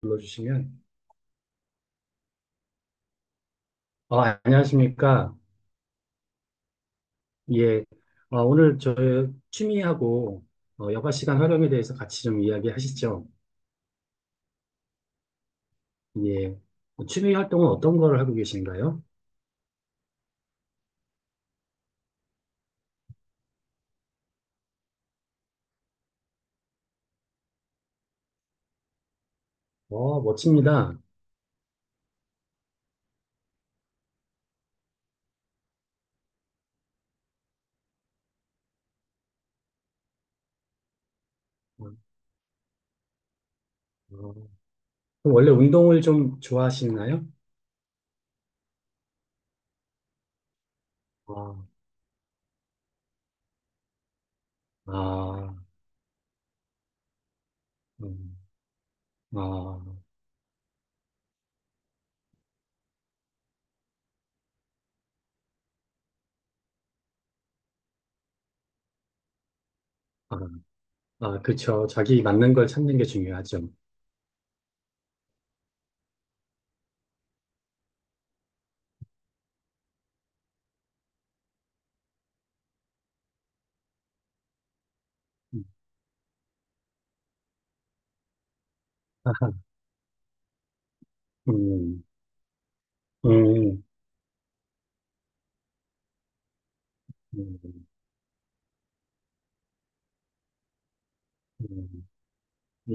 불러주시면 아, 안녕하십니까. 예. 아, 오늘 저 취미하고 여가 시간 활용에 대해서 같이 좀 이야기하시죠. 예. 취미 활동은 어떤 걸 하고 계신가요? 멋집니다. 어, 어. 그럼 원래 운동을 좀 좋아하시나요? 아, 아, 음, 아, 아, 아, 그쵸. 자기 맞는 걸 찾는 게 중요하죠. 음, 아하, 음, 음, 음, 음. 예.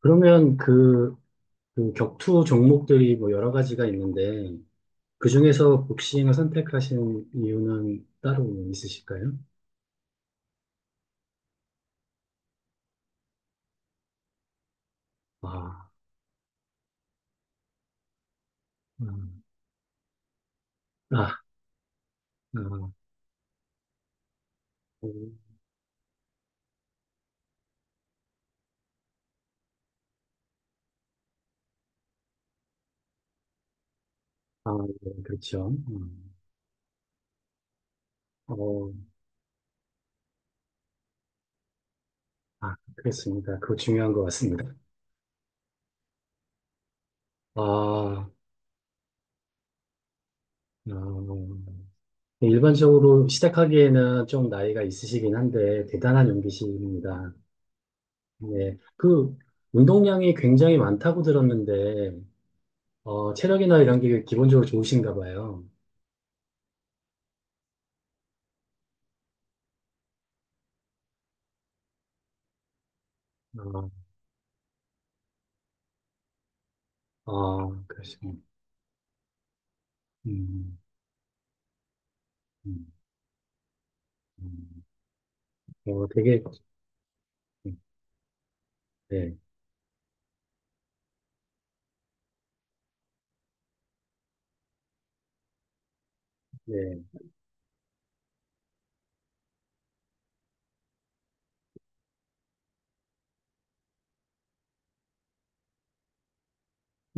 그러면 그 격투 종목들이 뭐 여러 가지가 있는데 그중에서 복싱을 선택하신 이유는 따로 있으실까요? 아, 음, 아, 아, 음, 아, 네, 그렇죠. 어, 아, 그렇습니다. 그거 중요한 것 같습니다. 아, 아, 네, 일반적으로 시작하기에는 좀 나이가 있으시긴 한데 대단한 용기십니다. 네, 그 운동량이 굉장히 많다고 들었는데 체력이나 이런 게 기본적으로 좋으신가 봐요. 아, 아, 그러시군요. 음, 음, 음. 어, 되게, 네, 네,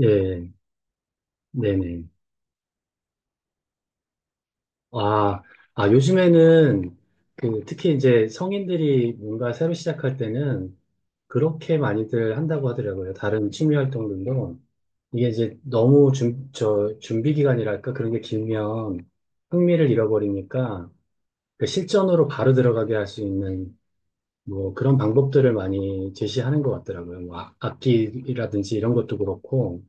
예, 네네. 아, 아, 요즘에는 그 특히 이제 성인들이 뭔가 새로 시작할 때는 그렇게 많이들 한다고 하더라고요. 다른 취미 활동들도. 이게 이제 너무 준비 기간이랄까 그런 게 길면 흥미를 잃어버리니까 그 실전으로 바로 들어가게 할 수 있는 뭐 그런 방법들을 많이 제시하는 것 같더라고요. 뭐 악기라든지 이런 것도 그렇고,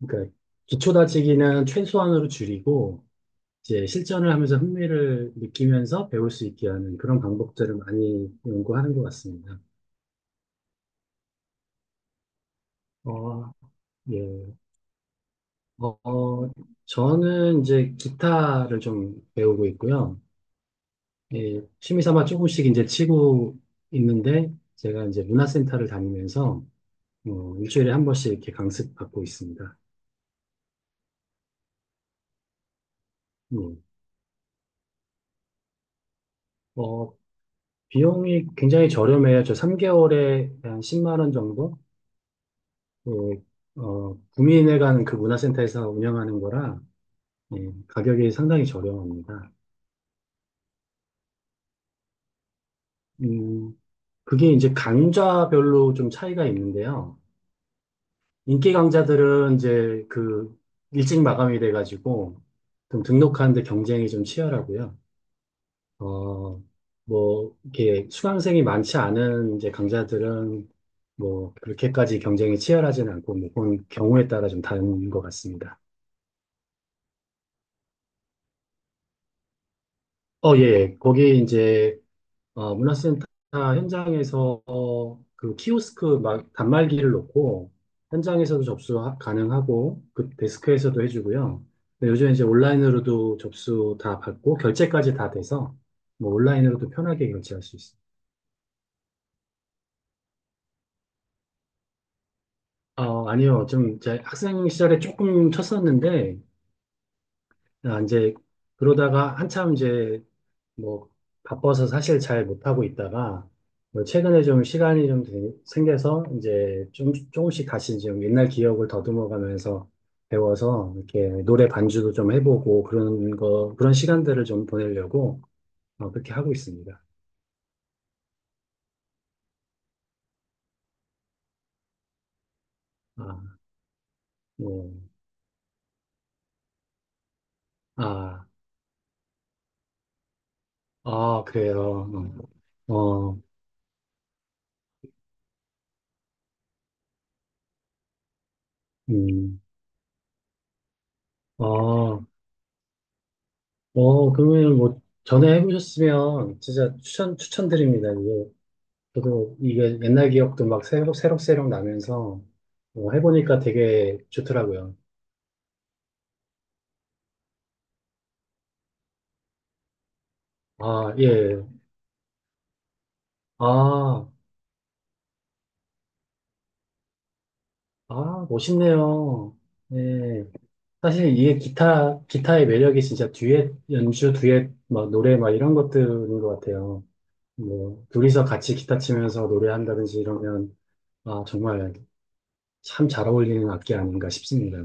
그러니까 기초 다지기는 최소한으로 줄이고 이제 실전을 하면서 흥미를 느끼면서 배울 수 있게 하는 그런 방법들을 많이 연구하는 것 같습니다. 어, 예. 어, 어, 저는 이제 기타를 좀 배우고 있고요. 예, 취미 삼아 조금씩 이제 치고 있는데 제가 이제 문화센터를 다니면서 일주일에 한 번씩 이렇게 강습 받고 있습니다. 예. 어, 비용이 굉장히 저렴해요. 저 3개월에 한 10만 원 정도? 예, 구민회관 그 문화센터에서 운영하는 거라 예, 가격이 상당히 저렴합니다. 음, 그게 이제 강좌별로 좀 차이가 있는데요. 인기 강좌들은 이제 그 일찍 마감이 돼가지고 좀 등록하는데 경쟁이 좀 치열하고요. 어, 뭐, 이렇게 수강생이 많지 않은 이제 강좌들은 뭐, 그렇게까지 경쟁이 치열하진 않고, 뭐, 그건 경우에 따라 좀 다른 것 같습니다. 예, 예. 거기 이제, 문화센터 현장에서 그 키오스크 막 단말기를 놓고, 현장에서도 접수 가능하고, 그 데스크에서도 해주고요. 근데 요즘 이제 온라인으로도 접수 다 받고, 결제까지 다 돼서, 뭐, 온라인으로도 편하게 결제할 수 있습니다. 아니요. 좀, 제 학생 시절에 조금 쳤었는데, 아, 이제, 그러다가 한참 이제, 뭐, 바빠서 사실 잘 못하고 있다가, 뭐 최근에 좀 시간이 좀 생겨서, 이제, 좀, 조금씩 다시 좀 옛날 기억을 더듬어가면서 배워서, 이렇게 노래 반주도 좀 해보고, 그런 거, 그런 시간들을 좀 보내려고, 그렇게 하고 있습니다. 아, 뭐, 아, 아, 그래요. 어, 어, 음, 어. 그러면 뭐, 전에 해보셨으면 진짜 추천드립니다. 이게, 저도 이게 옛날 기억도 막 새록새록 나면서 해보니까 되게 좋더라고요. 아, 예. 아, 아, 멋있네요. 예. 사실 이게 기타의 매력이 진짜 듀엣, 연주, 듀엣, 막 노래 막 이런 것들인 것 같아요. 뭐, 둘이서 같이 기타 치면서 노래한다든지 이러면, 아, 정말 참 잘 어울리는 악기 아닌가 싶습니다.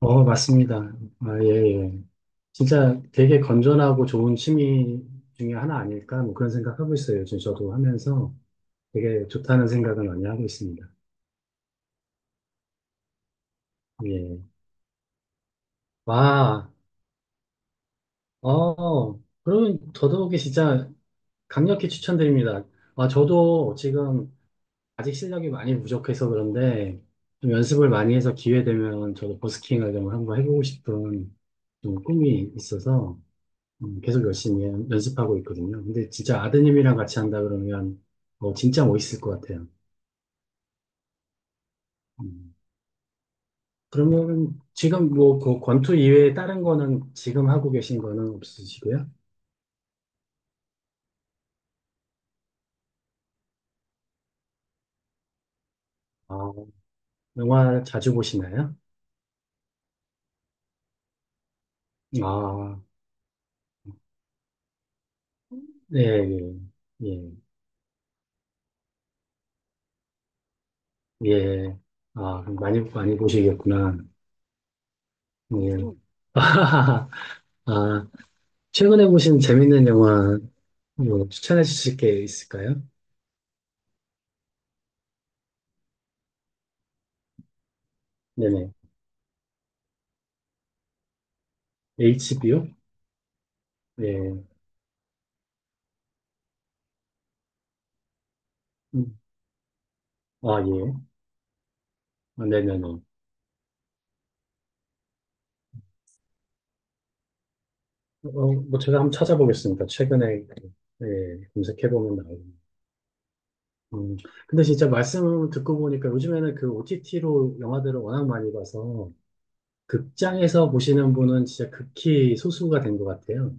맞습니다. 아, 예, 예. 진짜 되게 건전하고 좋은 취미 중에 하나 아닐까? 뭐 그런 생각하고 있어요. 요즘 저도 하면서 되게 좋다는 생각을 많이 하고 있습니다. 예. 와, 그러면 더더욱이 진짜 강력히 추천드립니다. 아, 저도 지금 아직 실력이 많이 부족해서 그런데 좀 연습을 많이 해서 기회 되면 저도 버스킹을 좀 한번 해보고 싶은 좀 꿈이 있어서 계속 열심히 연습하고 있거든요. 근데 진짜 아드님이랑 같이 한다 그러면 진짜 멋있을 것 같아요. 음. 그러면 지금 뭐 그 권투 이외에 다른 거는 지금 하고 계신 거는 없으시고요? 아, 영화 자주 보시나요? 아, 예, 예, 예, 예. 아, 그럼 많이, 많이 보시겠구나. 예. 아, 최근에 보신 재밌는 영화 뭐 추천해 주실 게 있을까요? 네네. HBO? 예. 음, 아, 예. 아, 네네네. 뭐 제가 한번 찾아보겠습니다. 최근에 예, 검색해보면 나오고. 음, 근데 진짜 말씀 듣고 보니까 요즘에는 그 OTT로 영화들을 워낙 많이 봐서 극장에서 보시는 분은 진짜 극히 소수가 된 것 같아요.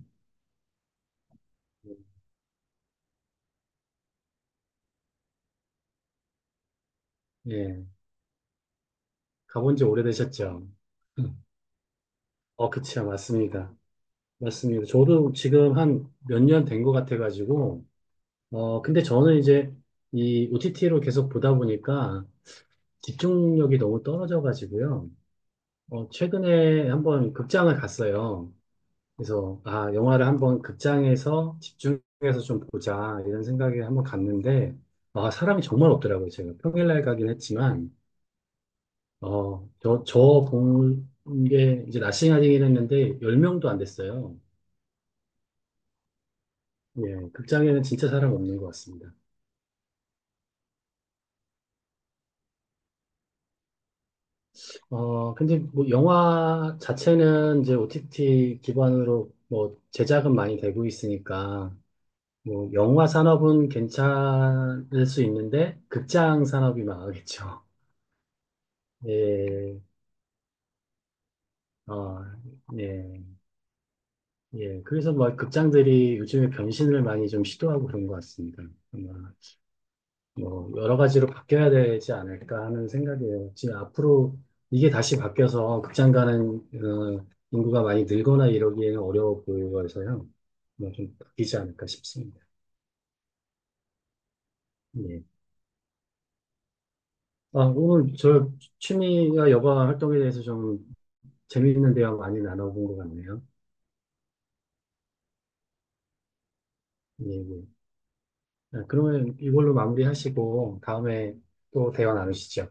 예, 가본 지 오래되셨죠? 음. 그치요. 맞습니다. 맞습니다. 저도 지금 한 몇 년 된 것 같아가지고, 근데 저는 이제 이 OTT로 계속 보다 보니까 집중력이 너무 떨어져가지고요. 최근에 한번 극장을 갔어요. 그래서, 아, 영화를 한번 극장에서 집중해서 좀 보자, 이런 생각에 한번 갔는데, 아, 사람이 정말 없더라고요. 제가 평일날 가긴 했지만, 저본게 이제 낮 시간이긴 했는데, 10명도 안 됐어요. 예, 극장에는 진짜 사람 없는 것 같습니다. 근데 뭐 영화 자체는 이제 OTT 기반으로 뭐 제작은 많이 되고 있으니까, 뭐 영화 산업은 괜찮을 수 있는데 극장 산업이 망하겠죠. 예, 어, 예, 예. 그래서 뭐 극장들이 요즘에 변신을 많이 좀 시도하고 그런 것 같습니다. 아마 뭐 여러 가지로 바뀌어야 되지 않을까 하는 생각이에요. 지금 앞으로 이게 다시 바뀌어서 극장 가는 인구가 많이 늘거나 이러기에는 어려워 보여서요. 뭐 좀 바뀌지 않을까 싶습니다. 예. 아, 오늘 저 취미와 여가 활동에 대해서 좀 재미있는 대화 많이 나눠본 것 같네요. 예, 예. 아, 그러면 이걸로 마무리하시고 다음에 또 대화 나누시죠.